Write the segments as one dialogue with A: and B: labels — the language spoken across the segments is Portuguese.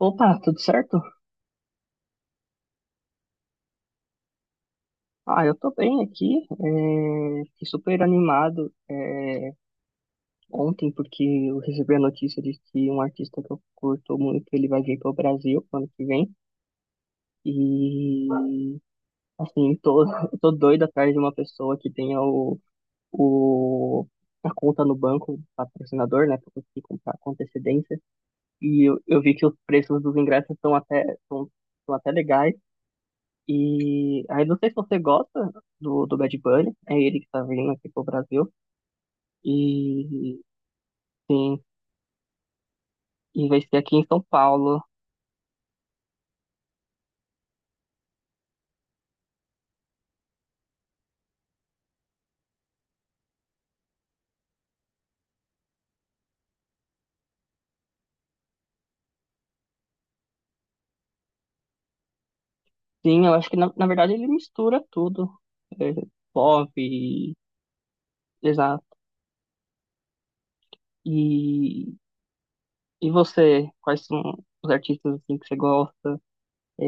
A: Opa, tudo certo? Ah, eu tô bem aqui. Fiquei super animado ontem porque eu recebi a notícia de que um artista que eu curto muito, ele vai vir pro Brasil ano que vem. E assim, eu tô doido atrás de uma pessoa que tenha o a conta no banco, patrocinador, né, pra conseguir comprar com antecedência. E eu vi que os preços dos ingressos estão até legais. E aí não sei se você gosta do Bad Bunny, é ele que tá vindo aqui pro Brasil. E sim, e vai ser aqui em São Paulo. Sim, eu acho que na verdade ele mistura tudo. É, pop, exato. E, e você, quais são os artistas assim, que você gosta? É,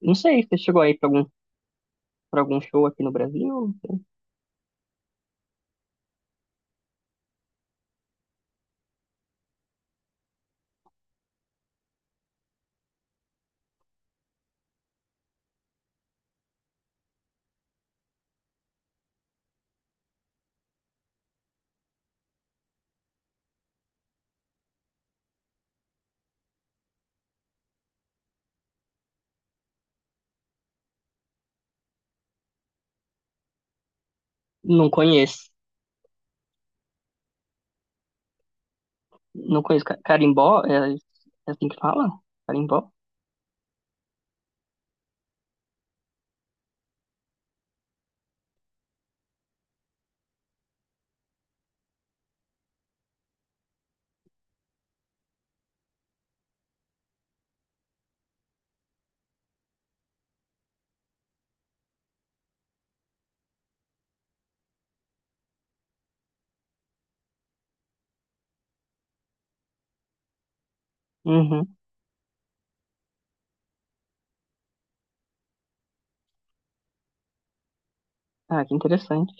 A: não sei, você chegou aí pra algum show aqui no Brasil? Não conheço. Não conheço. Carimbó, é assim que fala? Carimbó? Uhum. Ah, que interessante.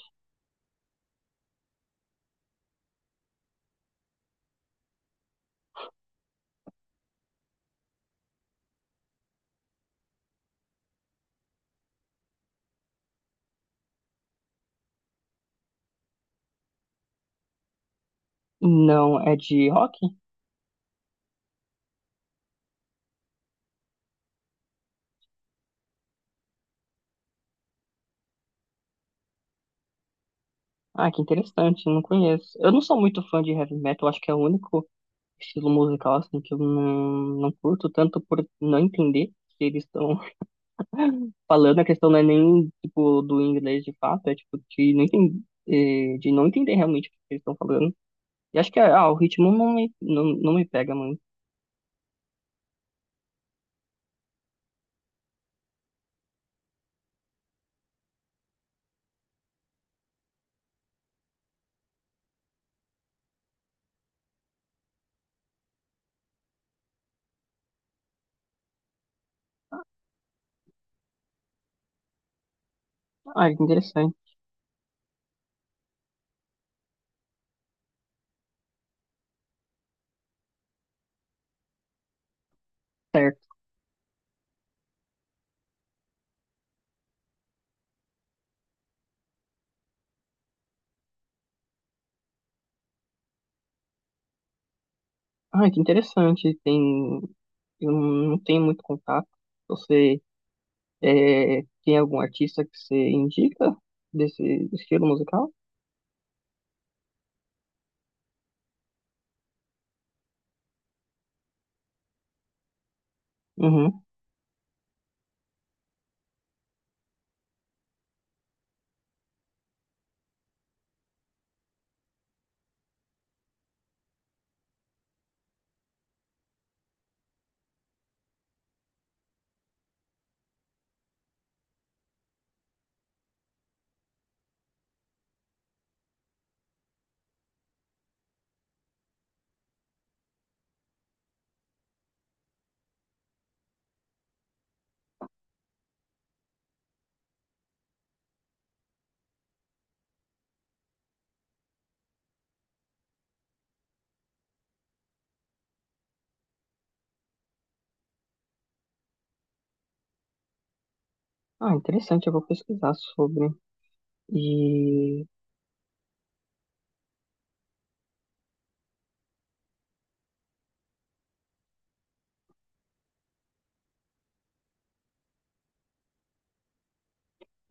A: Não, é de rock? Ah, que interessante, não conheço. Eu não sou muito fã de heavy metal, acho que é o único estilo musical assim que eu não, curto tanto por não entender o que eles estão falando. A questão não é nem tipo do inglês de fato, é tipo de não entender realmente o que eles estão falando. E acho que o ritmo não me pega muito. Ah, que interessante. Ah, que interessante. Eu não tenho muito contato. Você tem algum artista que você indica desse estilo musical? Uhum. Ah, interessante. Eu vou pesquisar sobre. E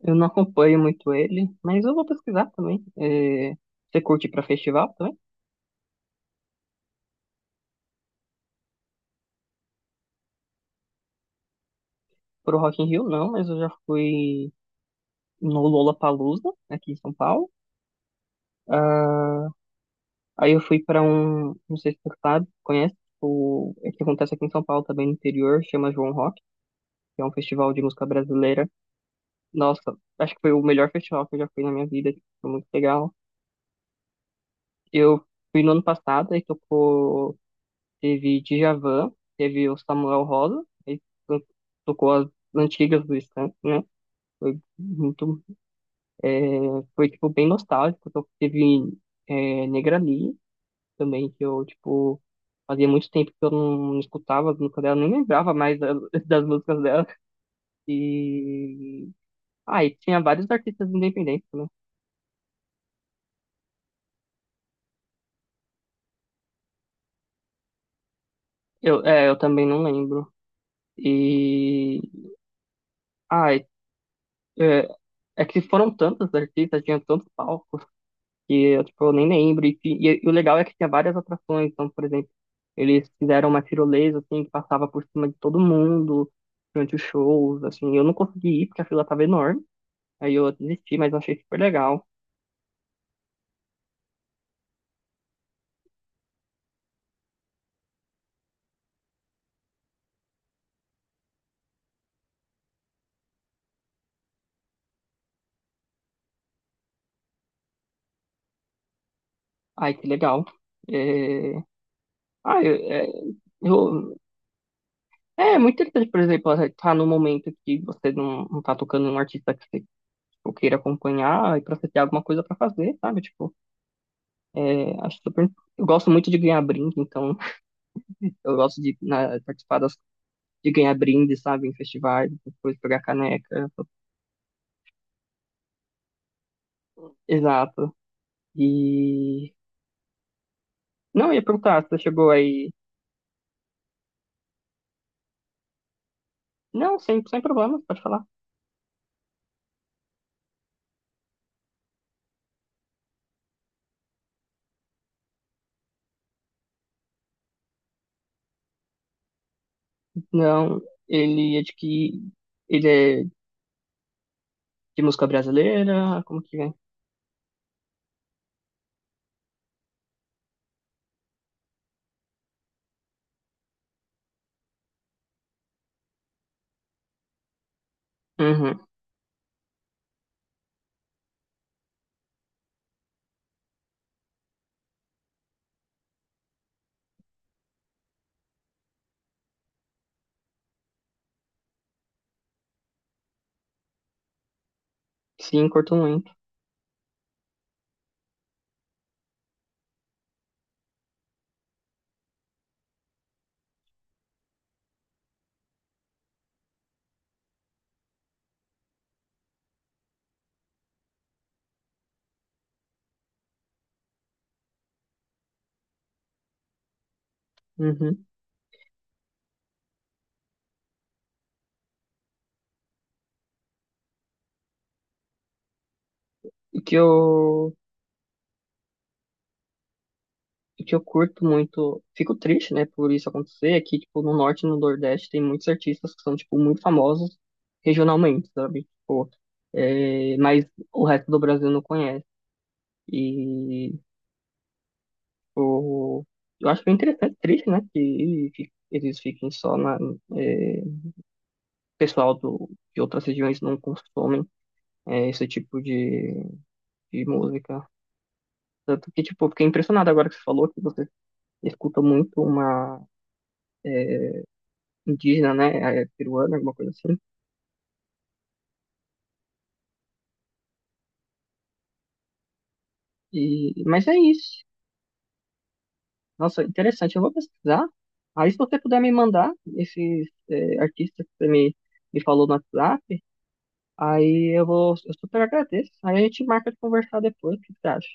A: eu não acompanho muito ele, mas eu vou pesquisar também. Você curte para festival também? Pro Rock in Rio não, mas eu já fui no Lollapalooza aqui em São Paulo. Ah, aí eu fui pra um, não sei se você sabe, conhece, é que acontece aqui em São Paulo, também no interior, chama João Rock, que é um festival de música brasileira. Nossa, acho que foi o melhor festival que eu já fui na minha vida, tipo, foi muito legal. Eu fui no ano passado, aí tocou, teve Djavan, teve o Samuel Rosa, aí to- tocou as antigas do Skank, né? Foi muito, é, foi, tipo, bem nostálgico, teve Negra Lee, também, que eu, tipo, fazia muito tempo que eu não escutava as músicas dela, nem lembrava mais das músicas dela. E. Ah, e tinha vários artistas independentes, né? Eu também não lembro. E. Ah, é que foram tantos artistas, tinha tantos palcos, que eu, tipo, eu nem lembro. E o legal é que tinha várias atrações, então, por exemplo. Eles fizeram uma tirolesa, assim, que passava por cima de todo mundo durante os shows, assim. Eu não consegui ir porque a fila tava enorme. Aí eu desisti, mas eu achei super legal. Ai, que legal. É... Ah, eu- é muito interessante, por exemplo, você tá num momento que você não, tá tocando um artista que você tipo, queira acompanhar e pra você ter alguma coisa pra fazer, sabe? Tipo, acho super. Eu gosto muito de ganhar brinde, então eu gosto de participar de ganhar brinde, sabe? Em festivais, depois pegar caneca. Exato. E... Não, eu ia perguntar, você chegou aí. Não, sem problema, pode falar. Não, ele é de que? Ele é de música brasileira? Como que é? Uhum. Sim, curto muito. Uhum. E que eu. E que eu curto muito. Fico triste, né, por isso acontecer. É que, tipo, no norte e no nordeste tem muitos artistas que são, tipo, muito famosos regionalmente, sabe? Tipo, mas o resto do Brasil não conhece. E, tipo, eu acho bem interessante, triste, né, que eles fiquem só. Na. é, Pessoal de outras regiões não consomem. Esse tipo de música. Tanto que, tipo, fiquei impressionado agora que você falou que você escuta muito uma é, indígena, né? Peruana, alguma coisa assim. Mas é isso. Nossa, interessante. Eu vou pesquisar. Aí, se você puder me mandar esses artistas que você me falou no WhatsApp, aí eu super agradeço. Aí a gente marca de conversar depois, o que você acha?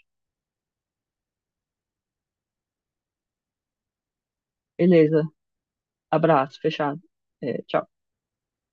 A: Beleza. Abraço, fechado. Tchau.